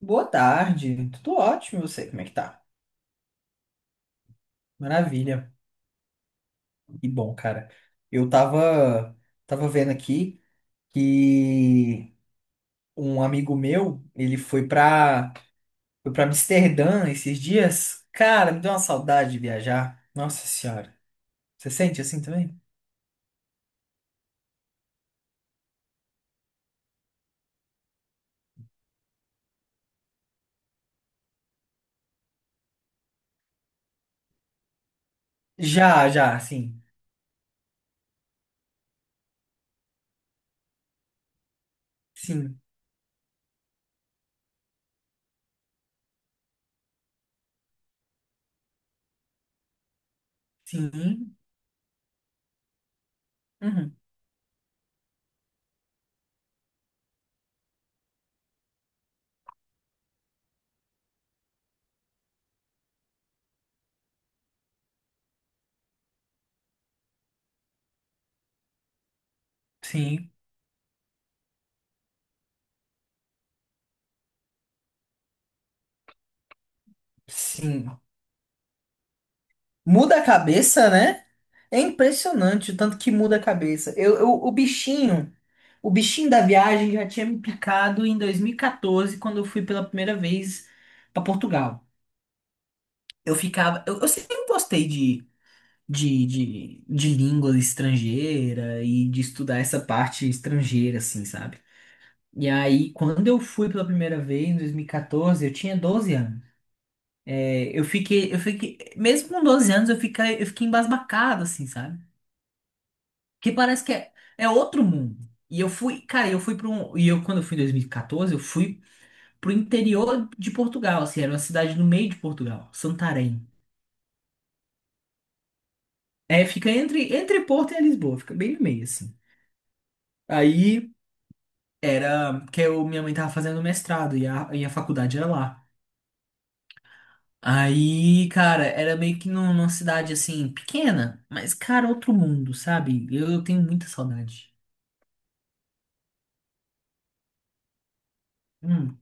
Boa tarde, tudo ótimo, e você, como é que tá? Maravilha, que bom, cara. Eu tava vendo aqui que um amigo meu, ele foi pra Amsterdã esses dias. Cara, me deu uma saudade de viajar. Nossa senhora, você sente assim também? Já, já, sim, sim, sim, uhum, sim, sim. Muda a cabeça, né? É impressionante o tanto que muda a cabeça. O bichinho da viagem já tinha me picado em 2014, quando eu fui pela primeira vez para Portugal. Eu sempre gostei de língua estrangeira e de estudar essa parte estrangeira, assim, sabe? E aí, quando eu fui pela primeira vez, em 2014, eu tinha 12 anos. É. Eu fiquei, mesmo com 12 anos, eu fiquei embasbacado, assim, sabe? Que parece que é outro mundo. E eu fui, cara, eu fui para um. Quando eu fui em 2014, eu fui pro interior de Portugal, assim, era uma cidade no meio de Portugal, Santarém. É, fica entre Porto e Lisboa, fica bem no meio, assim. Aí era minha mãe tava fazendo mestrado e a faculdade era lá. Aí, cara, era meio que numa cidade assim, pequena, mas, cara, outro mundo, sabe? Eu tenho muita saudade. Hum.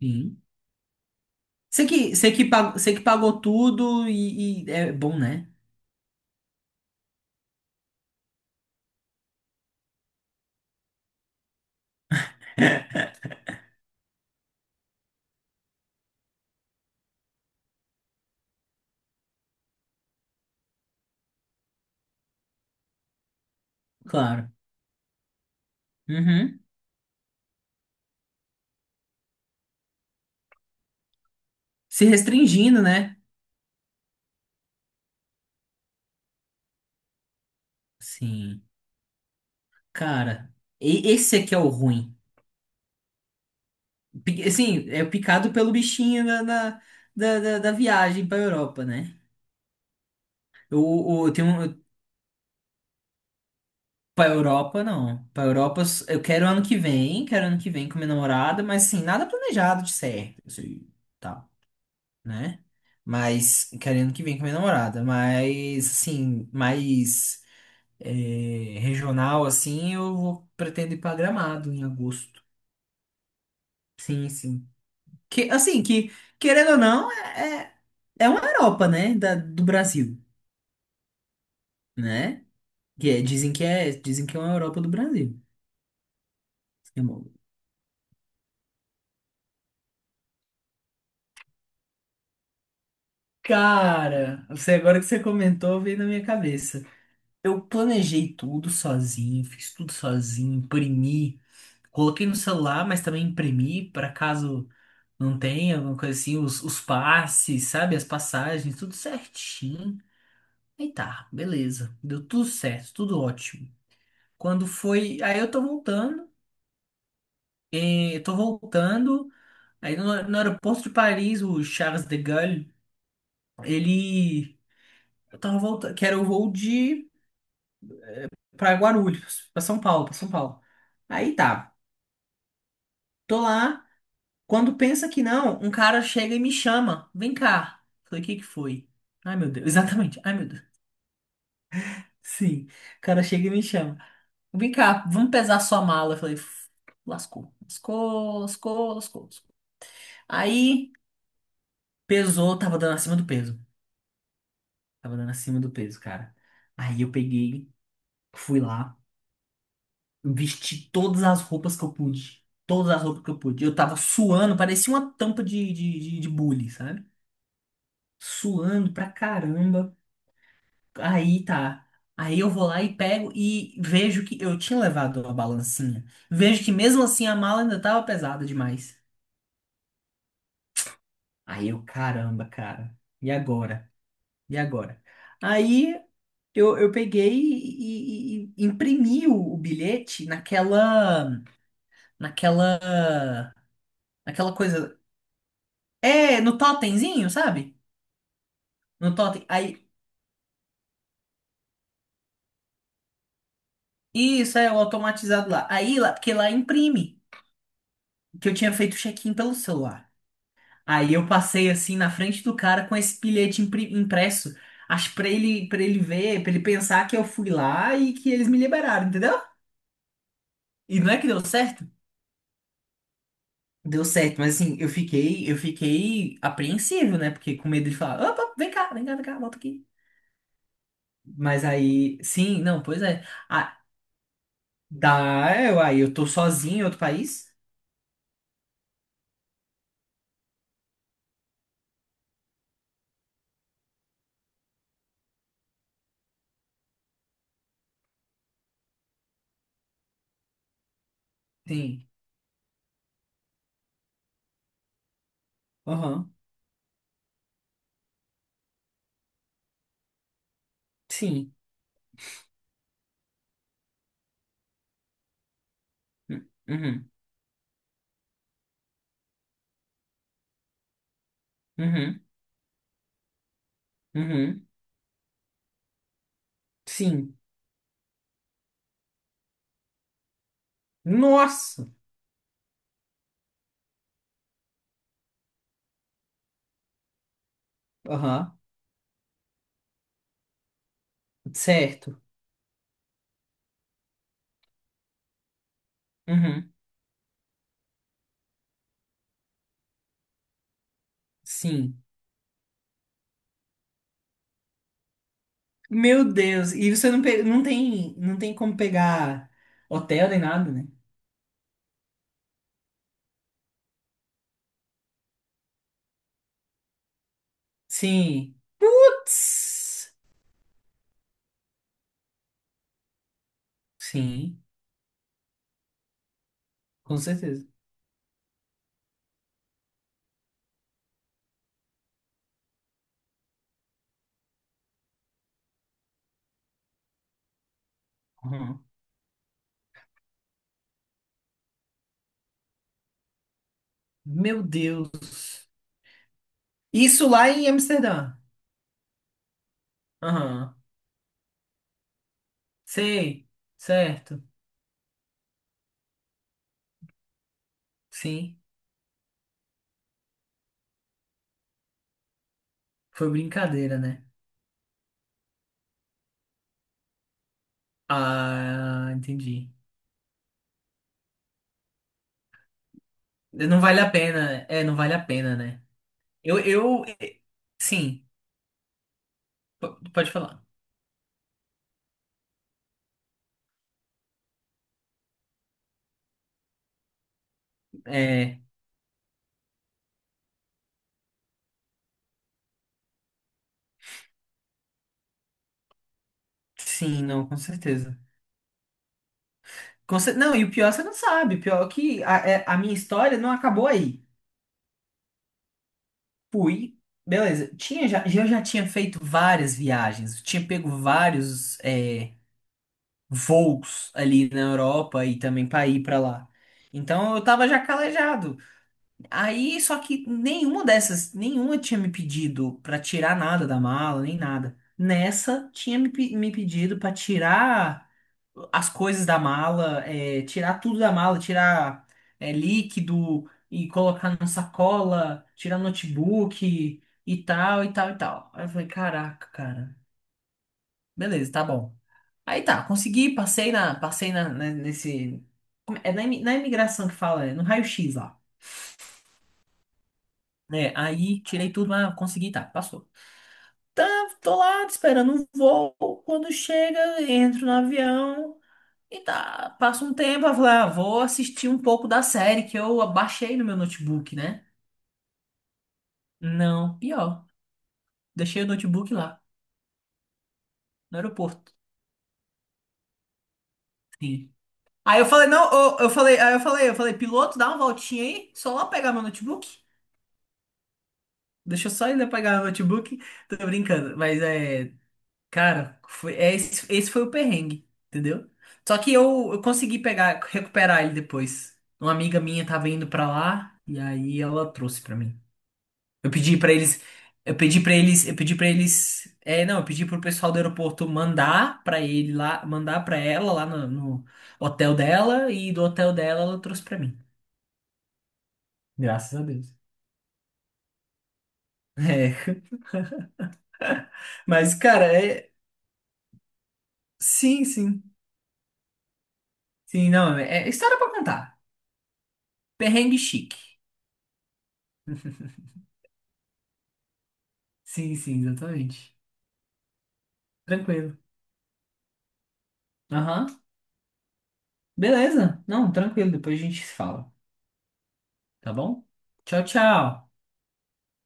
Sim. Você que pagou tudo e é bom, né? Claro. Uhum. Se restringindo, né? Sim. Cara, esse aqui é o ruim. Assim, é picado pelo bichinho da viagem pra Europa, né? Eu tenho um. Pra Europa, não. Pra Europa, eu quero ano que vem, quero ano que vem com minha namorada, mas assim, nada planejado de certo, assim, tal, né? Mas, quero ano que vem com minha namorada, mas, assim, mais, é, regional, assim, pretendo ir pra Gramado em agosto. Sim, sim. Que, assim, querendo ou não, é uma Europa, né? Do Brasil, né? Dizem que é uma Europa do Brasil. É uma- Cara, você agora que você comentou, veio na minha cabeça. Eu planejei tudo sozinho, fiz tudo sozinho, imprimi, coloquei no celular, mas também imprimi para caso. Não tem alguma coisa assim, os passes, sabe? As passagens, tudo certinho. Aí tá, beleza. Deu tudo certo, tudo ótimo. Quando foi. Aí eu tô voltando, eh, eu tô voltando. Aí no aeroporto de Paris, o Charles de Gaulle, ele. Eu tava voltando, que era o voo de, pra Guarulhos, pra São Paulo, pra São Paulo. Aí tá, tô lá. Quando pensa que não, um cara chega e me chama, vem cá. Falei, o que que foi? Ai, meu Deus, exatamente. Ai, meu Deus. Sim. O cara chega e me chama. Vem cá, vamos pesar sua mala. Eu falei, "Uf, lascou. Lascou, lascou, lascou. Lascou." Aí pesou, tava dando acima do peso. Tava dando acima do peso, cara. Aí eu peguei, fui lá, vesti todas as roupas que eu pude. Todas as roupas que eu pude. Eu tava suando, parecia uma tampa de bule, sabe? Suando pra caramba. Aí tá. Aí eu vou lá e pego e vejo que eu tinha levado a balancinha. Vejo que mesmo assim a mala ainda tava pesada demais. Aí eu, caramba, cara. E agora? E agora? Aí eu peguei e imprimi o bilhete naquela, naquela coisa. É, no totemzinho, sabe? No totem. Aí, isso é o automatizado lá. Aí lá, porque lá imprime, que eu tinha feito o check-in pelo celular. Aí eu passei assim na frente do cara com esse bilhete impresso. Acho pra ele ver, pra ele pensar que eu fui lá e que eles me liberaram, entendeu? E não é que deu certo? Deu certo, mas assim, eu fiquei, apreensivo, né? Porque com medo de falar, opa, vem cá, vem cá, vem cá, volta aqui. Mas aí, sim, não, pois é. Ah, aí eu tô sozinho em outro país? Sim. Aham. Sim. Uhum. Uhum. Uhum. Sim. Nossa. Aham. Certo. Uhum. Sim. Meu Deus. E você não, pe- não tem, não tem como pegar hotel nem nada, né? Sim. Putz. Sim, com certeza. Aham. Meu Deus. Isso lá em Amsterdã. Aham. Sei. Certo. Sim. Foi brincadeira, né? Ah, entendi. Não vale a pena. É, não vale a pena, né? Eu, eu, sim. Pode falar. É, sim, não, com certeza. Não, e o pior você não sabe. O pior é que a minha história não acabou aí. Fui, beleza. Eu já tinha feito várias viagens. Eu tinha pego vários voos ali na Europa e também para ir para lá. Então eu tava já calejado. Aí, só que nenhuma dessas, nenhuma tinha me pedido para tirar nada da mala, nem nada. Nessa, tinha me pedido para tirar as coisas da mala, tirar tudo da mala, tirar líquido e colocar na sacola, tirar notebook e tal, e tal, e tal. Aí eu falei, caraca, cara, beleza, tá bom. Aí tá, consegui, passei na, na- nesse, na imigração que fala, no raio-x lá. Né, aí tirei tudo, mas consegui, tá, passou. Tá, tô lá esperando um voo. Quando chega, entro no avião. E tá, passa um tempo, eu falei, ah, vou assistir um pouco da série que eu baixei no meu notebook, né? Não, pior. Deixei o notebook lá, no aeroporto. Sim. Aí eu falei, não, eu falei, piloto, dá uma voltinha aí, só lá pegar meu notebook. Deixa eu só ir lá pegar o notebook. Tô brincando, mas é, cara, esse foi o perrengue, entendeu? Só que eu consegui pegar, recuperar ele depois. Uma amiga minha tava indo pra lá, e aí ela trouxe pra mim. Eu pedi pra eles, eu pedi pra eles, é, não, eu pedi pro pessoal do aeroporto mandar pra ele lá, mandar pra ela lá no hotel dela e do hotel dela ela trouxe pra mim. Graças a Deus. É, mas cara, sim, sim. Sim, não, é história pra contar. Perrengue chique. Sim, sim, exatamente. Tranquilo. Aham. Beleza. Não, tranquilo, depois a gente se fala, tá bom? Tchau, tchau.